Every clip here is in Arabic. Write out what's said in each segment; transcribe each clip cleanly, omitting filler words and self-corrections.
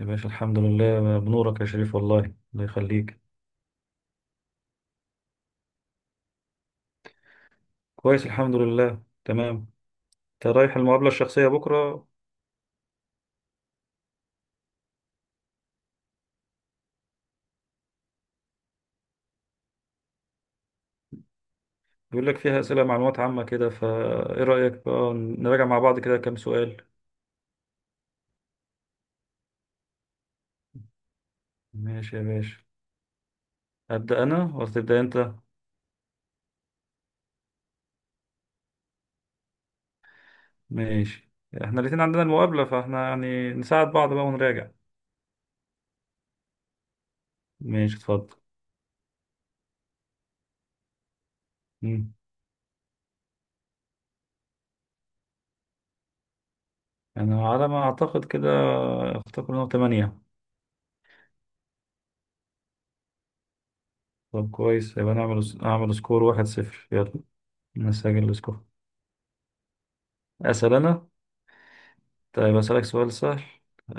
يا باشا الحمد لله بنورك يا شريف والله. الله يخليك. كويس الحمد لله تمام. انت رايح المقابلة الشخصية بكرة؟ بيقول لك فيها أسئلة معلومات عامة كده، فإيه رأيك بقى نراجع مع بعض كده كام سؤال؟ ماشي يا باشا. أبدأ أنا ولا تبدأ أنت؟ ماشي، احنا الاتنين عندنا المقابلة فاحنا يعني نساعد بعض بقى ونراجع. ماشي اتفضل. مم. أنا على ما أعتقد كده أفتكر إنه تمانية. طب كويس يبقى نعمل أعمل سكور واحد صفر يلا. نسجل السكور. أسأل أنا. طيب أسألك سؤال سهل.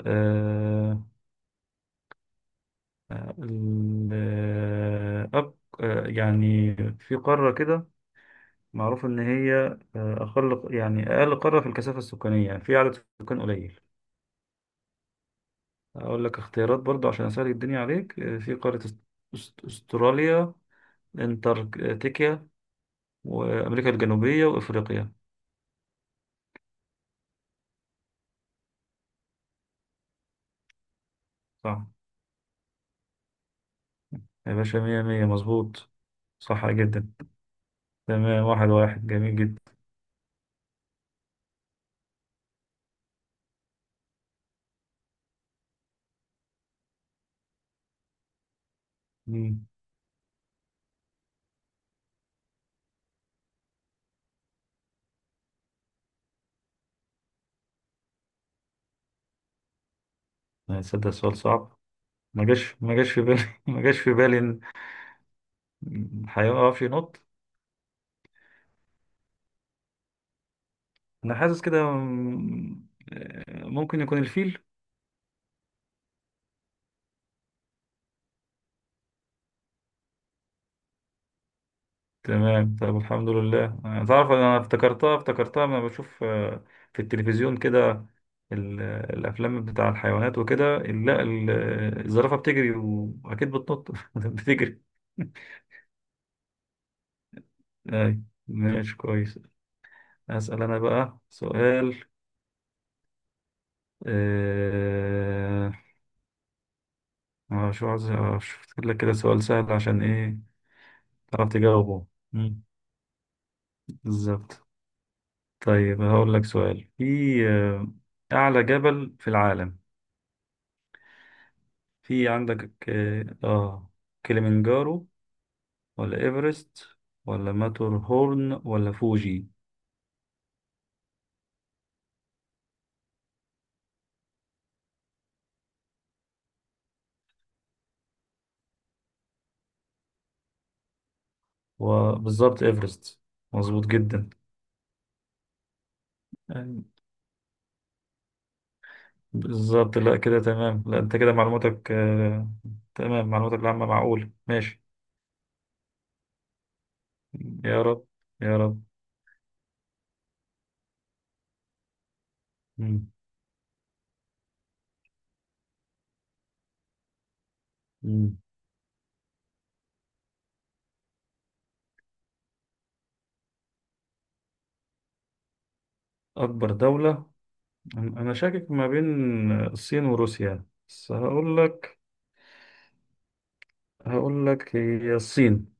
آه الأب. يعني في قارة كده معروف إن هي أقل، يعني أقل قارة في الكثافة السكانية، يعني في عدد سكان قليل. أقول لك اختيارات برضو عشان أسهل الدنيا عليك. آه في قارة أست- أست- أستراليا، أنتاركتيكا، وأمريكا الجنوبية وإفريقيا. صح يا باشا، مية مية، مظبوط. صح جدا، تمام، واحد واحد، جميل جدا. مم. هتصدق السؤال صعب. ما جاش في بالي. ما جاش في بالي ان إن هيقف ينط. انا حاسس كده ممكن يكون الفيل. تمام، طب الحمد لله. أنا تعرف انا افتكرتها لما بشوف في التلفزيون كده. ال- الافلام بتاع الحيوانات وكده، ال- لا ال- الزرافة بتجري واكيد بتنط. بتجري. أي، ماشي كويس. أسأل أنا بقى سؤال. آه، شو عايز أفتكر لك كده سؤال سهل عشان إيه تعرف تجاوبه. مم. بالظبط. طيب هقول لك سؤال في آه، أعلى جبل في العالم في عندك. كليمنجارو، ولا إيفرست، ولا ماتور هورن، ولا فوجي؟ وبالظبط إيفرست. مظبوط جدا. يعني بالظبط، لا كده تمام، لا أنت كده معلوماتك تمام، معلوماتك العامة معقولة، ماشي. يا رب، يا رب. مم. مم. أكبر دولة. أنا شاكك ما بين الصين وروسيا، بس هقول لك هي الصين.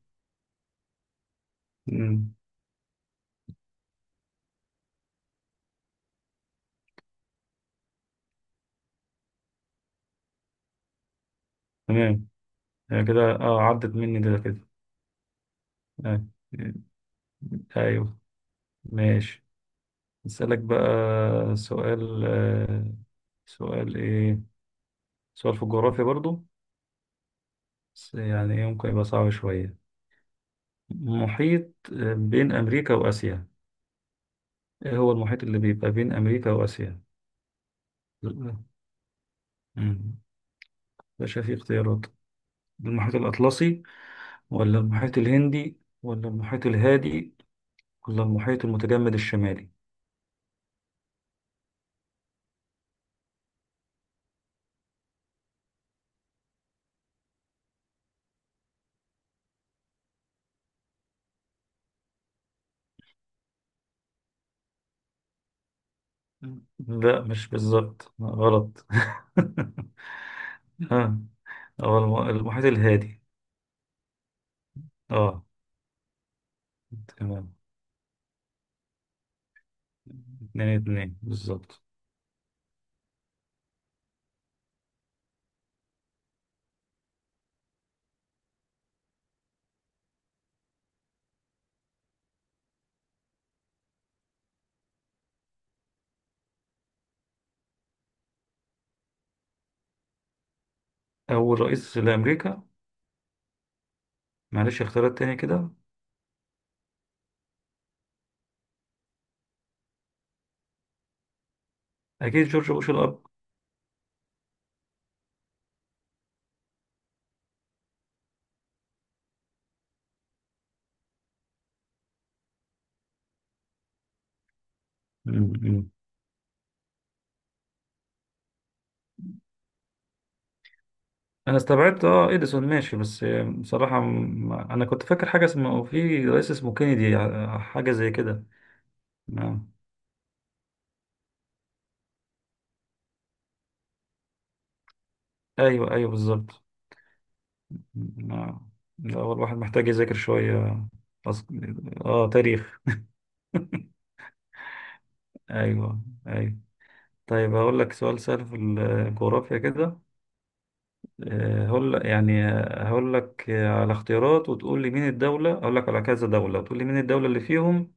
مم. تمام، هي كده، اه، عدت مني ده كده. آه. أيوه، ماشي. أسألك بقى سؤال. آه، سؤال إيه سؤال في الجغرافيا برضو، بس يعني إيه ممكن يبقى صعب شوية. محيط بين أمريكا وآسيا. إيه هو المحيط اللي بيبقى بين أمريكا وآسيا؟ مم. باشا في اختيارات. المحيط الأطلسي، ولا المحيط الهندي، ولا المحيط الهادي، ولا المحيط المتجمد الشمالي؟ لا مش بالظبط، غلط. ها، هو المحيط الهادي. اه، تمام. اتنين اتنين بالظبط. أول رئيس لأمريكا. معلش اختيارات تاني كده. أكيد جورج بوش الأب. مم. مم. أنا استبعدت اه إديسون ماشي، بس بصراحة أنا كنت فاكر حاجة اسمه في رئيس اسمه كينيدي، حاجة زي كده. نعم. أيوه أيوه بالظبط. لا، لا، هو الواحد محتاج يذاكر شوية. أص... اه تاريخ. ايوه، ايوه. طيب هقول لك سؤال سهل في الجغرافيا كده. هقول يعني، هقول لك على اختيارات وتقول لي مين الدولة، اقول لك على كذا دولة وتقول لي مين الدولة اللي فيهم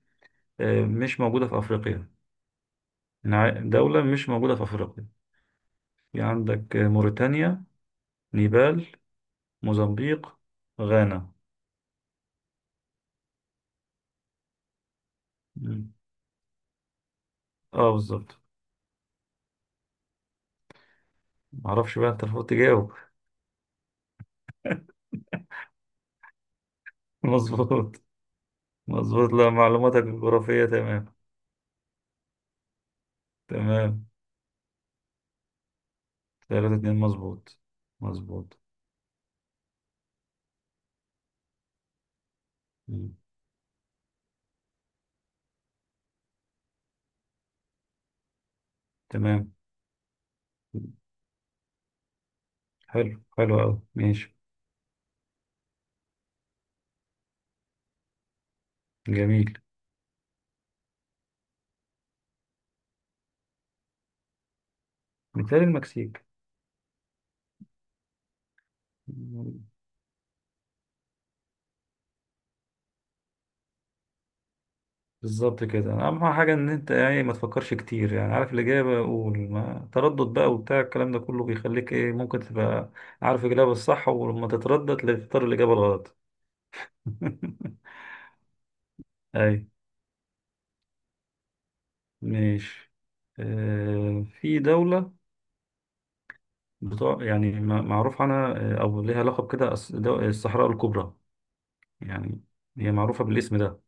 مش موجودة في افريقيا. دولة مش موجودة في افريقيا. في عندك موريتانيا، نيبال، موزمبيق، غانا. مم. اه بالظبط. معرفش بقى، انت المفروض تجاوب. مظبوط. مظبوط، لا معلوماتك الجغرافية تمام. تمام. ثلاثة اتنين مظبوط. مظبوط. مم. تمام. حلو، حلو أوي، ماشي. جميل. مثال المكسيك. مم. بالظبط كده. أهم حاجة إن أنت يعني ما تفكرش كتير، يعني عارف الإجابة قول ما تردد بقى، وبتاع الكلام ده كله بيخليك إيه ممكن تبقى عارف الإجابة الصح ولما تتردد تختار الإجابة الغلط. أي ماشي. آه في دولة بتوع يعني معروف عنها او ليها لقب كده الصحراء الكبرى يعني، هي معروفة بالاسم ده.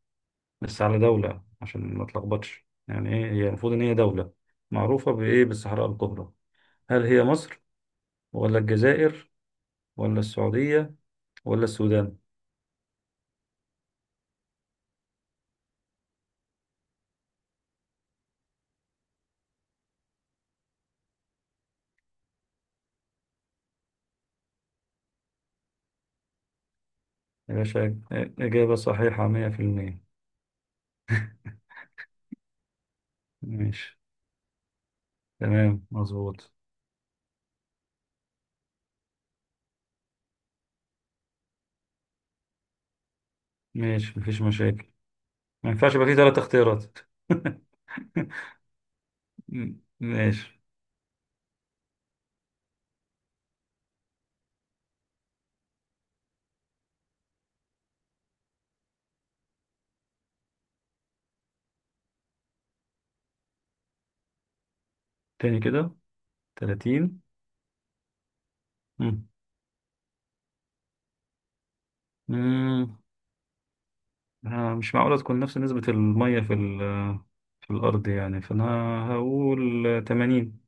بس على دولة عشان ما تلخبطش، يعني ايه هي المفروض ان هي دولة معروفة بايه؟ بالصحراء الكبرى. هل هي مصر، ولا الجزائر، ولا السعودية، ولا السودان؟ يا باشا، إجابة صحيحة 100%. ماشي، تمام مظبوط. ماشي مفيش مشاكل. ما ينفعش يبقى فيه ثلاث اختيارات. ماشي. تاني كده؟ 30؟ مم. مش معقولة تكون نفس نسبة المية في ال، في الأرض يعني، فأنا هقول تمانين.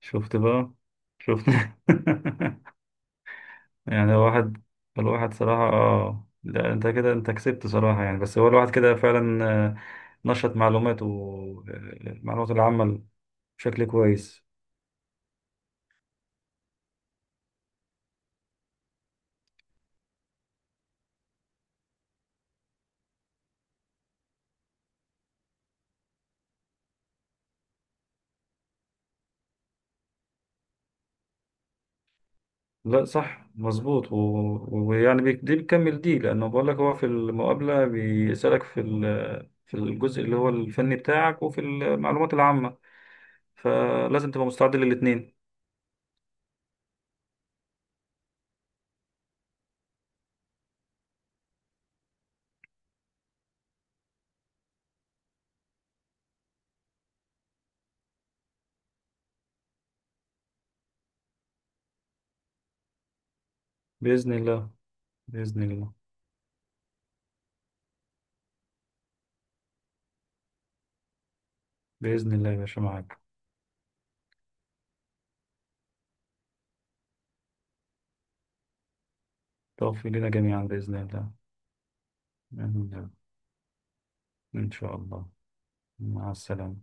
شفت بقى؟ شفت؟ يعني الواحد، الواحد صراحة اه، لا انت كده، انت كسبت صراحة يعني. بس هو الواحد كده فعلا نشط معلوماته، المعلومات العامة بشكل كويس. لا صح مظبوط، ويعني دي بتكمل دي، لأنه بقول لك هو في المقابلة بيسألك في ال، في الجزء اللي هو الفني بتاعك وفي المعلومات العامة، فلازم تبقى مستعد للاتنين. بإذن الله. بإذن الله. بإذن الله يا باشا معاك. توفي لنا جميعا بإذن الله. بإذن الله. إن شاء الله. مع السلامة.